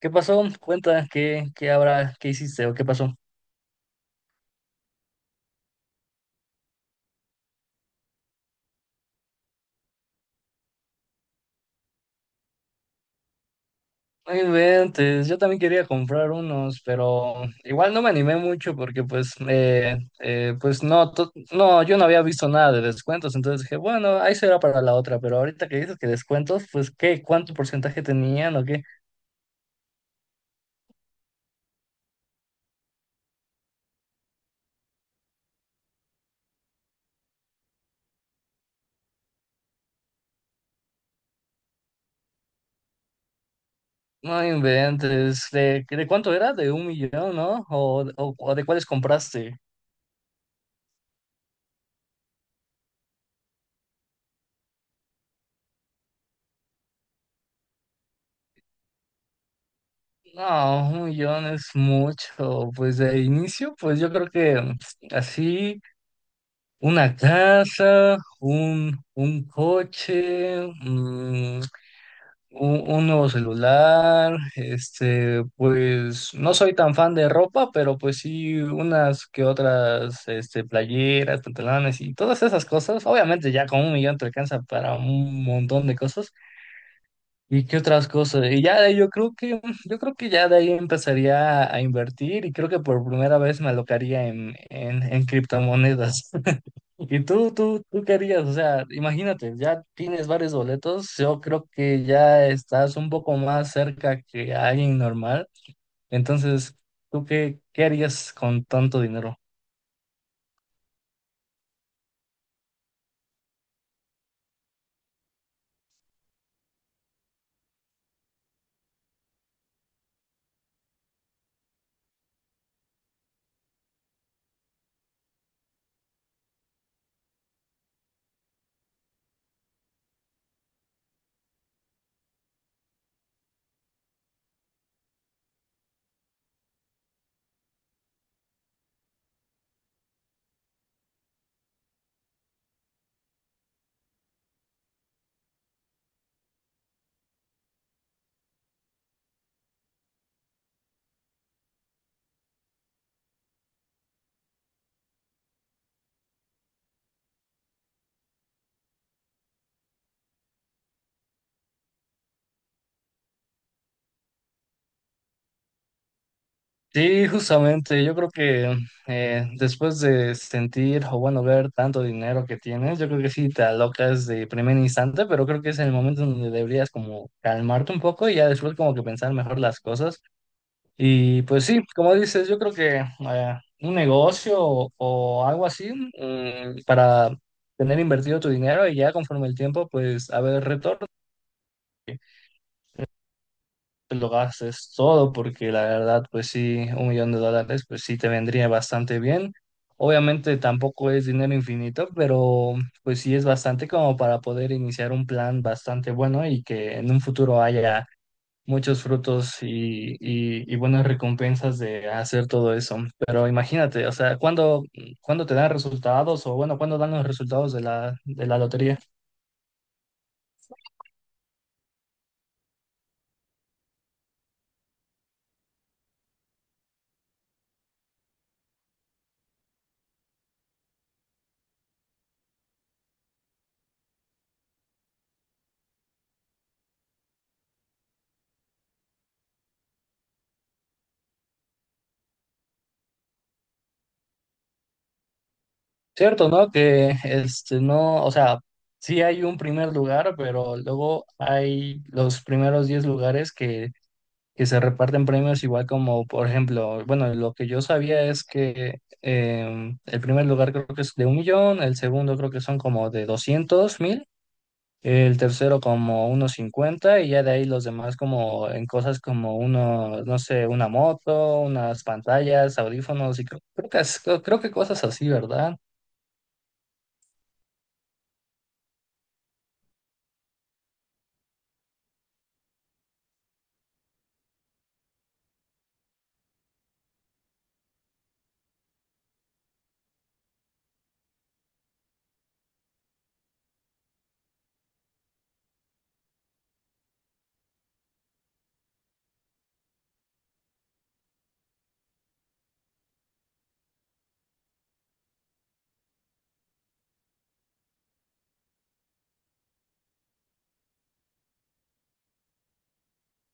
¿Qué pasó? Cuenta, ¿qué habrá, qué hiciste o qué pasó. No inventes, yo también quería comprar unos, pero igual no me animé mucho porque pues, pues no, no, yo no había visto nada de descuentos, entonces dije, bueno, ahí será para la otra, pero ahorita que dices que descuentos, pues ¿qué? ¿Cuánto porcentaje tenían o qué? No inventes, ¿de cuánto era? ¿De un millón, no? ¿O de cuáles compraste? No, 1,000,000 es mucho, pues de inicio, pues yo creo que así... Una casa, un coche, un nuevo celular, este, pues no soy tan fan de ropa, pero pues sí unas que otras, este, playeras, pantalones y todas esas cosas. Obviamente ya con un millón te alcanza para un montón de cosas. ¿Y qué otras cosas? Y ya de ahí yo creo que ya de ahí empezaría a invertir y creo que por primera vez me alocaría en criptomonedas. ¿Y tú querías? O sea, imagínate, ya tienes varios boletos, yo creo que ya estás un poco más cerca que alguien normal, entonces, ¿tú qué, qué harías con tanto dinero? Sí, justamente, yo creo que después de sentir o bueno, ver tanto dinero que tienes, yo creo que sí te alocas de primer instante, pero creo que es el momento donde deberías como calmarte un poco y ya después como que pensar mejor las cosas. Y pues sí, como dices, yo creo que un negocio o algo así para tener invertido tu dinero y ya conforme el tiempo, pues a ver retorno, te lo gastes todo, porque la verdad, pues sí, un millón de dólares, pues sí te vendría bastante bien. Obviamente tampoco es dinero infinito, pero pues sí es bastante como para poder iniciar un plan bastante bueno y que en un futuro haya muchos frutos y, y buenas recompensas de hacer todo eso. Pero imagínate, o sea, ¿cuándo, cuándo te dan resultados o bueno, cuándo dan los resultados de de la lotería? Cierto, ¿no? Que este no, o sea, sí hay un primer lugar, pero luego hay los primeros 10 lugares que se reparten premios igual como, por ejemplo, bueno, lo que yo sabía es que el primer lugar creo que es de un millón, el segundo creo que son como de 200 mil. El tercero como unos 50 y ya de ahí los demás como en cosas como uno, no sé, una moto, unas pantallas, audífonos y creo, creo que, creo, creo que cosas así, ¿verdad?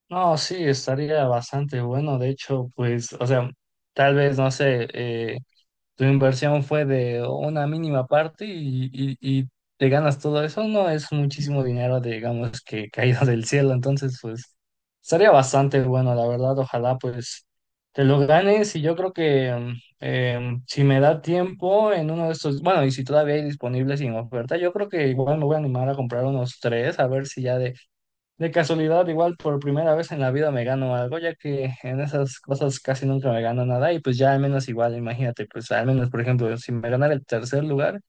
No, sí, estaría bastante bueno. De hecho, pues, o sea, tal vez, no sé, tu inversión fue de una mínima parte y, y te ganas todo eso, no es muchísimo dinero, digamos, que caído del cielo. Entonces, pues, estaría bastante bueno, la verdad. Ojalá, pues, te lo ganes. Y yo creo que si me da tiempo en uno de estos, bueno, y si todavía hay disponibles sin oferta, yo creo que igual me voy a animar a comprar unos tres, a ver si ya de casualidad, igual por primera vez en la vida me gano algo, ya que en esas cosas casi nunca me gano nada y pues ya al menos igual, imagínate, pues al menos por ejemplo, si me ganara el tercer lugar,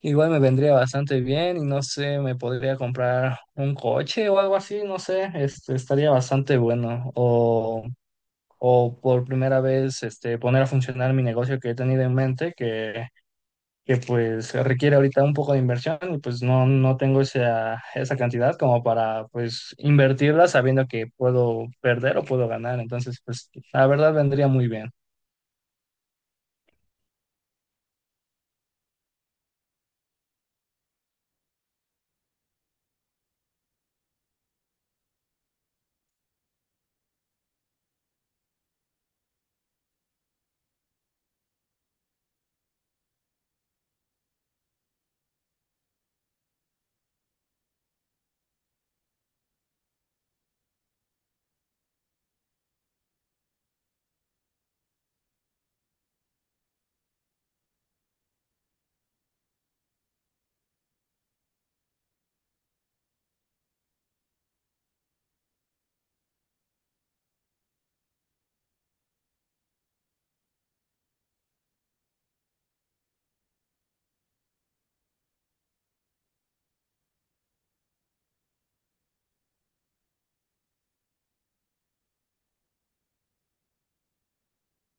igual me vendría bastante bien y no sé, me podría comprar un coche o algo así, no sé, este, estaría bastante bueno. O por primera vez este, poner a funcionar mi negocio que he tenido en mente, que pues requiere ahorita un poco de inversión y pues no, no tengo esa cantidad como para pues invertirla sabiendo que puedo perder o puedo ganar. Entonces, pues la verdad vendría muy bien.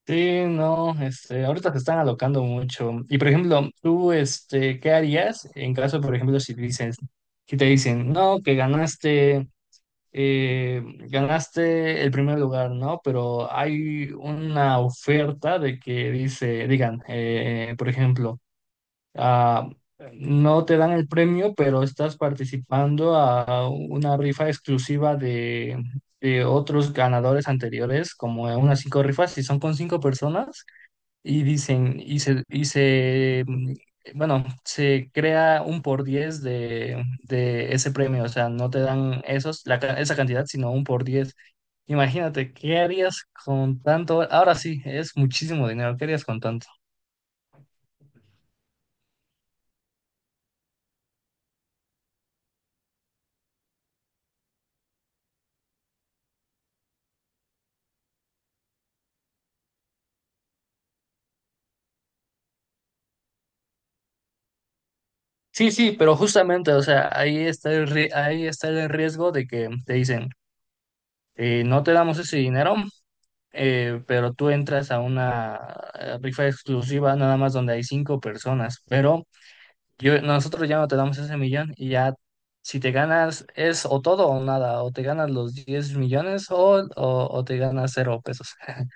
Sí, no, este, ahorita te están alocando mucho. Y por ejemplo, tú, este, ¿qué harías en caso, por ejemplo, si dices, si te dicen, no, que ganaste, eh, ganaste el primer lugar, ¿no? Pero hay una oferta de que dice, digan, por ejemplo, ah, no te dan el premio, pero estás participando a una rifa exclusiva de otros ganadores anteriores, como en unas cinco rifas, y son con cinco personas, y dicen, y se, bueno, se crea un por diez de ese premio, o sea, no te dan esos, esa cantidad, sino un por diez. Imagínate, ¿qué harías con tanto? Ahora sí, es muchísimo dinero, ¿qué harías con tanto? Sí, sí, pero justamente, o sea, ahí está el, ahí está el riesgo de que te dicen, no te damos ese dinero, pero tú entras a una rifa exclusiva nada más donde hay cinco personas, pero yo, nosotros ya no te damos ese millón y ya si te ganas es o todo o nada, o te ganas los 10,000,000 o, o te ganas cero pesos.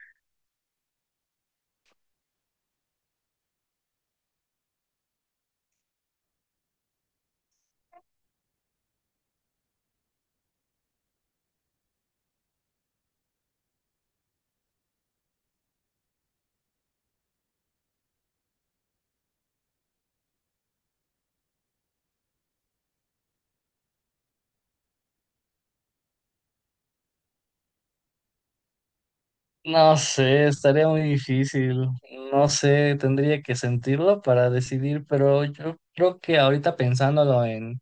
No sé, estaría muy difícil. No sé, tendría que sentirlo para decidir, pero yo creo que ahorita pensándolo en,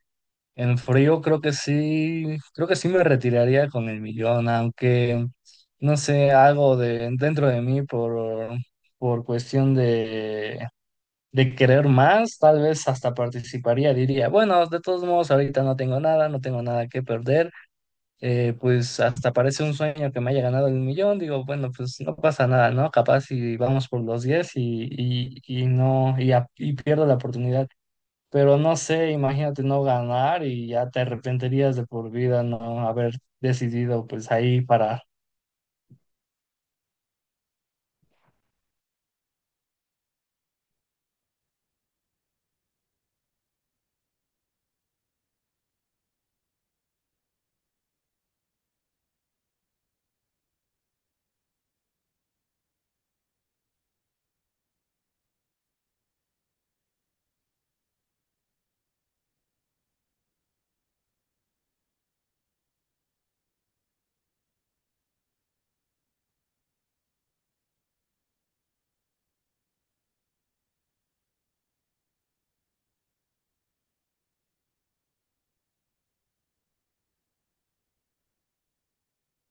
En frío creo que sí me retiraría con el millón, aunque no sé, algo de dentro de mí por cuestión de querer más, tal vez hasta participaría, diría, bueno, de todos modos ahorita no tengo nada, no tengo nada que perder, pues hasta parece un sueño que me haya ganado el millón, digo, bueno, pues no pasa nada, ¿no? Capaz si vamos por los 10 y, y no, y, y pierdo la oportunidad, pero no sé, imagínate no ganar y ya te arrepentirías de por vida no haber decidido pues ahí para...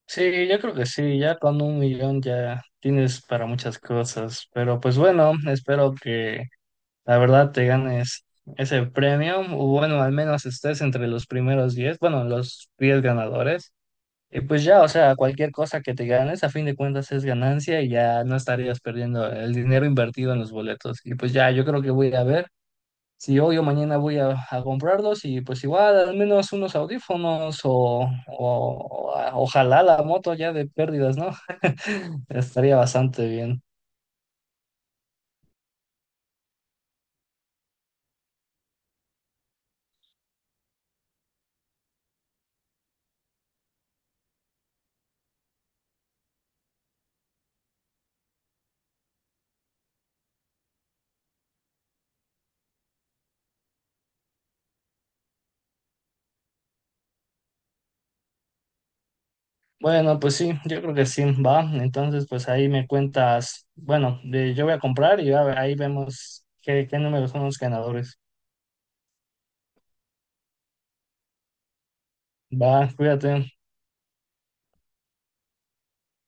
Sí, yo creo que sí, ya con un millón ya tienes para muchas cosas, pero pues bueno, espero que la verdad te ganes ese premio, o bueno, al menos estés entre los primeros diez, bueno, los 10 ganadores, y pues ya, o sea, cualquier cosa que te ganes, a fin de cuentas es ganancia y ya no estarías perdiendo el dinero invertido en los boletos, y pues ya, yo creo que voy a ir a ver. Si hoy o mañana voy a comprarlos y pues igual al menos unos audífonos o, o ojalá la moto ya de pérdidas, ¿no? Estaría bastante bien. Bueno, pues sí, yo creo que sí, va. Entonces, pues ahí me cuentas, bueno, yo voy a comprar y ahí vemos qué, qué números son los ganadores. Va, cuídate.